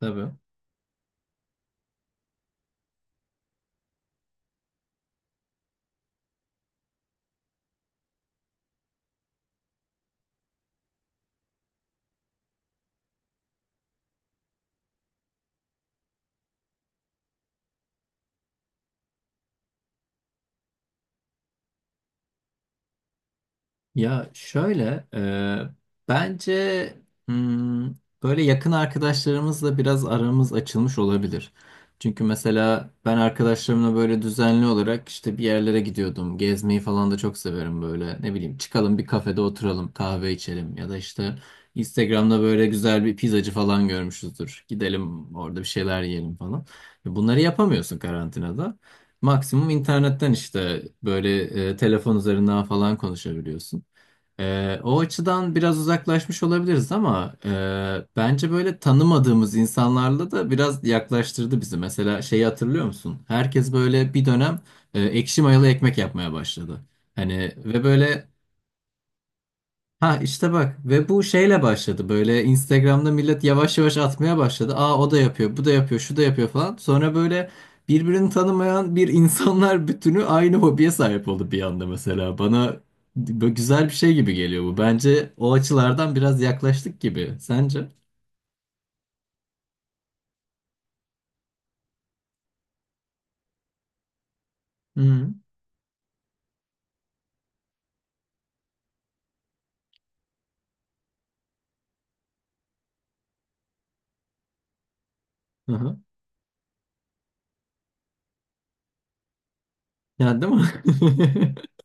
Tabii. Ya şöyle, bence hmm, böyle yakın arkadaşlarımızla biraz aramız açılmış olabilir. Çünkü mesela ben arkadaşlarımla böyle düzenli olarak işte bir yerlere gidiyordum. Gezmeyi falan da çok severim böyle. Ne bileyim çıkalım bir kafede oturalım, kahve içelim ya da işte Instagram'da böyle güzel bir pizzacı falan görmüşüzdür. Gidelim orada bir şeyler yiyelim falan. Bunları yapamıyorsun karantinada. Maksimum internetten işte böyle telefon üzerinden falan konuşabiliyorsun. O açıdan biraz uzaklaşmış olabiliriz ama bence böyle tanımadığımız insanlarla da biraz yaklaştırdı bizi. Mesela şeyi hatırlıyor musun? Herkes böyle bir dönem ekşi mayalı ekmek yapmaya başladı. Hani ve böyle Ha işte bak ve bu şeyle başladı böyle Instagram'da millet yavaş yavaş atmaya başladı. Aa o da yapıyor, bu da yapıyor, şu da yapıyor falan. Sonra böyle birbirini tanımayan bir insanlar bütünü aynı hobiye sahip oldu bir anda mesela. Bana böyle güzel bir şey gibi geliyor bu. Bence o açılardan biraz yaklaştık gibi. Sence? Hı hı. Hı. Yani değil mi?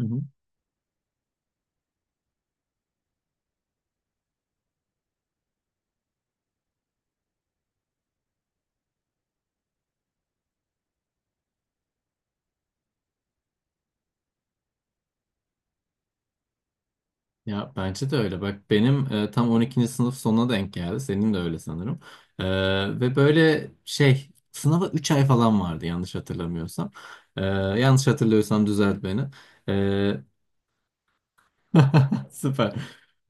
Hı hı. Ya bence de öyle. Bak benim tam on ikinci sınıf sonuna denk geldi. Senin de öyle sanırım. E, Ve böyle şey sınava 3 ay falan vardı yanlış hatırlamıyorsam. Yanlış hatırlıyorsam düzelt beni. E, Süper.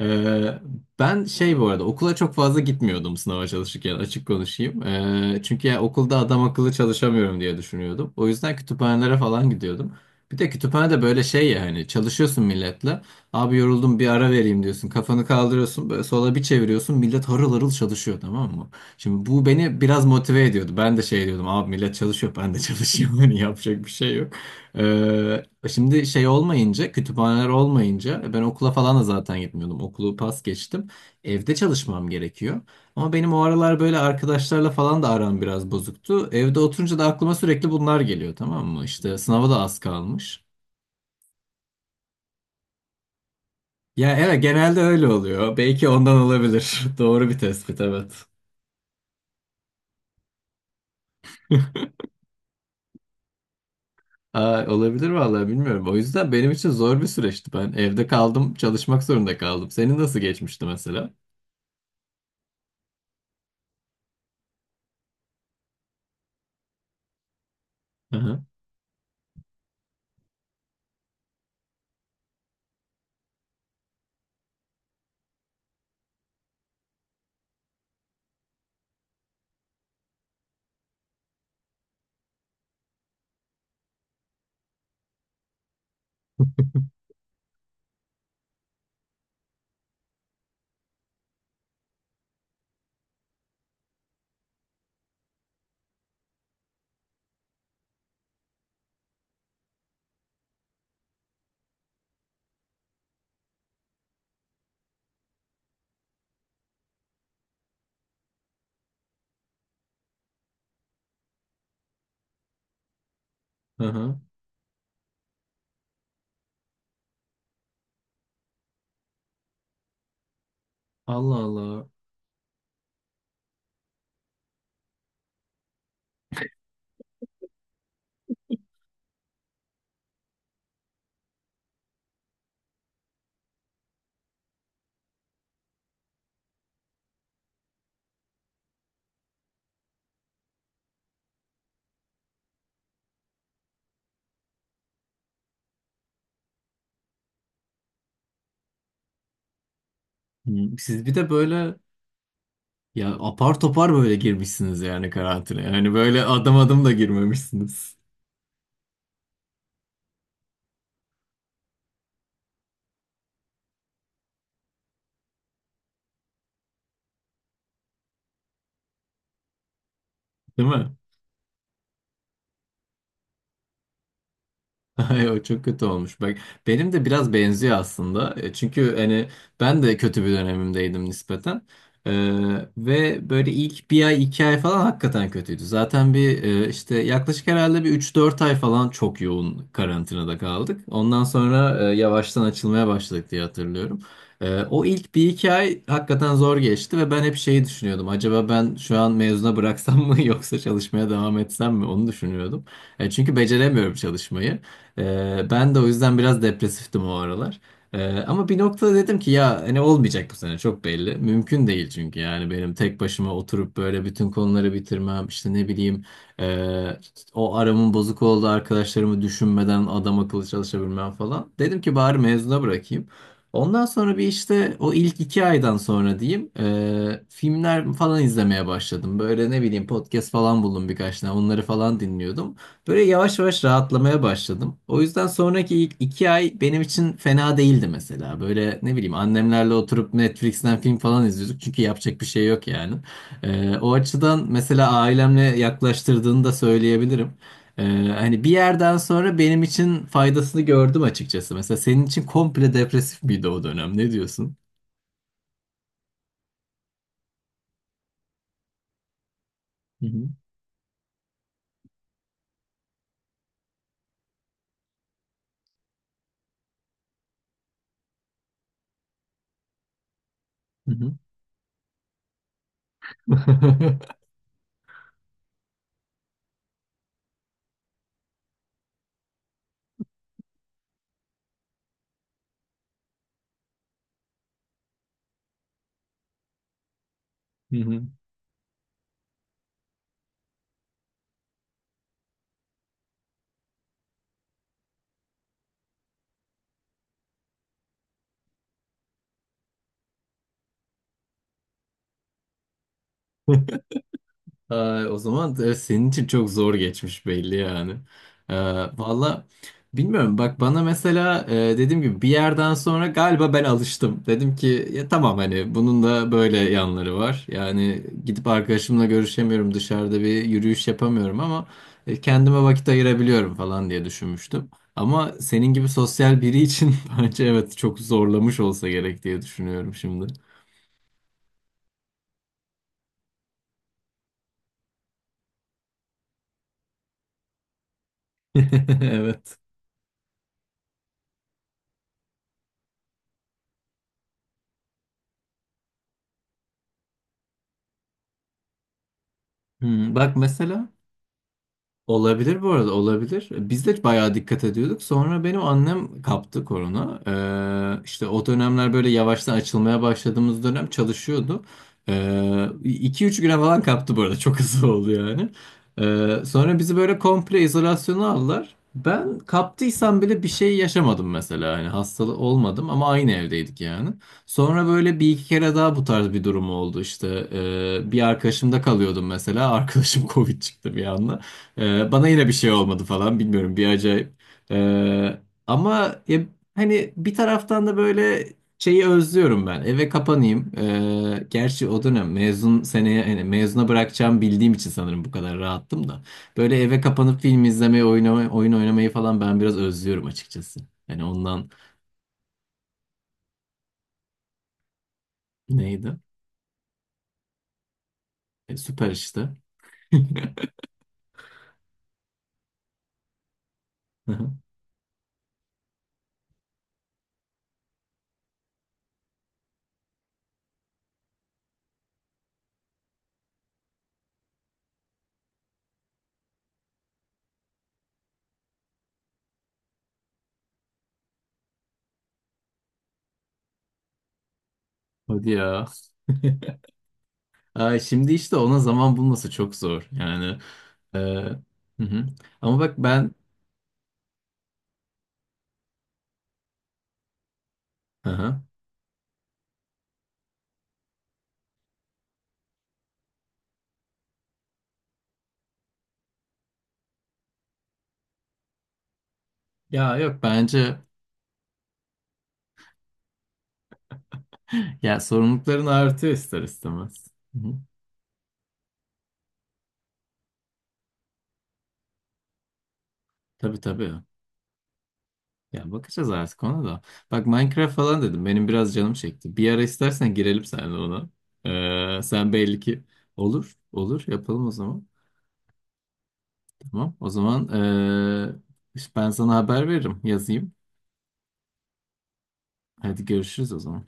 Ee, Ben şey bu arada okula çok fazla gitmiyordum sınava çalışırken açık konuşayım. Çünkü ya okulda adam akıllı çalışamıyorum diye düşünüyordum. O yüzden kütüphanelere falan gidiyordum. Bir de kütüphanede böyle şey ya hani çalışıyorsun milletle. Abi yoruldum bir ara vereyim diyorsun. Kafanı kaldırıyorsun böyle sola bir çeviriyorsun. Millet harıl harıl çalışıyor tamam mı? Şimdi bu beni biraz motive ediyordu. Ben de şey diyordum abi millet çalışıyor ben de çalışıyorum. Hani yapacak bir şey yok. Ee, Şimdi şey olmayınca, kütüphaneler olmayınca ben okula falan da zaten gitmiyordum. Okulu pas geçtim. Evde çalışmam gerekiyor. Ama benim o aralar böyle arkadaşlarla falan da aram biraz bozuktu. Evde oturunca da aklıma sürekli bunlar geliyor tamam mı? İşte sınava da az kalmış. Ya evet genelde öyle oluyor. Belki ondan olabilir. Doğru bir tespit evet. Aa, olabilir vallahi bilmiyorum. O yüzden benim için zor bir süreçti. Ben evde kaldım, çalışmak zorunda kaldım. Senin nasıl geçmişti mesela? Hı hı. Hı hı. Allah Allah. Siz bir de böyle ya apar topar böyle girmişsiniz yani karantinaya. Yani böyle adım adım da girmemişsiniz. Değil mi? Ay, o çok kötü olmuş. Bak benim de biraz benziyor aslında. Çünkü hani ben de kötü bir dönemimdeydim nispeten. E, Ve böyle ilk bir ay iki ay falan hakikaten kötüydü. Zaten bir işte yaklaşık herhalde bir üç dört ay falan çok yoğun karantinada kaldık. Ondan sonra yavaştan açılmaya başladık diye hatırlıyorum. O ilk bir iki ay hakikaten zor geçti ve ben hep şeyi düşünüyordum. Acaba ben şu an mezuna bıraksam mı yoksa çalışmaya devam etsem mi onu düşünüyordum. Çünkü beceremiyorum çalışmayı. Ben de o yüzden biraz depresiftim o aralar. Ama bir noktada dedim ki ya hani olmayacak bu sene çok belli. Mümkün değil çünkü yani benim tek başıma oturup böyle bütün konuları bitirmem işte ne bileyim e, o aramın bozuk olduğu arkadaşlarımı düşünmeden adam akıllı çalışabilmem falan. Dedim ki bari mezuna bırakayım. Ondan sonra bir işte o ilk iki aydan sonra diyeyim filmler falan izlemeye başladım. Böyle ne bileyim podcast falan buldum birkaç tane onları falan dinliyordum. Böyle yavaş yavaş rahatlamaya başladım. O yüzden sonraki ilk iki ay benim için fena değildi mesela. Böyle ne bileyim annemlerle oturup Netflix'ten film falan izliyorduk. Çünkü yapacak bir şey yok yani. O açıdan mesela ailemle yaklaştırdığını da söyleyebilirim. Ee, Hani bir yerden sonra benim için faydasını gördüm açıkçası. Mesela senin için komple depresif miydi o dönem? Ne diyorsun? Hı hı. Hı hı. Hı hı. Ay, o zaman da senin için çok zor geçmiş belli yani. Ee, Valla bilmiyorum bak bana mesela dediğim gibi bir yerden sonra galiba ben alıştım. Dedim ki ya tamam hani bunun da böyle yanları var. Yani gidip arkadaşımla görüşemiyorum dışarıda bir yürüyüş yapamıyorum ama kendime vakit ayırabiliyorum falan diye düşünmüştüm. Ama senin gibi sosyal biri için bence evet çok zorlamış olsa gerek diye düşünüyorum şimdi. Evet. Bak mesela. Olabilir bu arada olabilir. Biz de bayağı dikkat ediyorduk. Sonra benim annem kaptı korona. İşte o dönemler böyle yavaştan açılmaya başladığımız dönem çalışıyordu. Ee, 2-3 güne falan kaptı bu arada. Çok hızlı oldu yani. Sonra bizi böyle komple izolasyona aldılar. Ben kaptıysam bile bir şey yaşamadım mesela. Yani hastalı olmadım ama aynı evdeydik yani. Sonra böyle bir iki kere daha bu tarz bir durum oldu işte. Bir arkadaşımda kalıyordum mesela. Arkadaşım Covid çıktı bir anda. Bana yine bir şey olmadı falan bilmiyorum bir acayip. Ee, Ama ya, hani bir taraftan da böyle şeyi özlüyorum ben. Eve kapanayım. Gerçi o dönem mezun seneye hani mezuna bırakacağım bildiğim için sanırım bu kadar rahattım da. Böyle eve kapanıp film izlemeyi, oynamayı, oyun oynamayı falan ben biraz özlüyorum açıkçası. Yani ondan neydi? Süper işte. Hadi ya. Ay, şimdi işte ona zaman bulması çok zor. Yani hı hı. Ama bak ben hı hı. Ya yok bence ya sorumlulukların artıyor ister istemez. Hı hı. Tabii tabii. Ya bakacağız artık ona da. Bak Minecraft falan dedim. Benim biraz canım çekti. Bir ara istersen girelim seninle ona. Sen belli ki olur. Olur yapalım o zaman. Tamam. O zaman işte ben sana haber veririm. Yazayım. Hadi görüşürüz o zaman.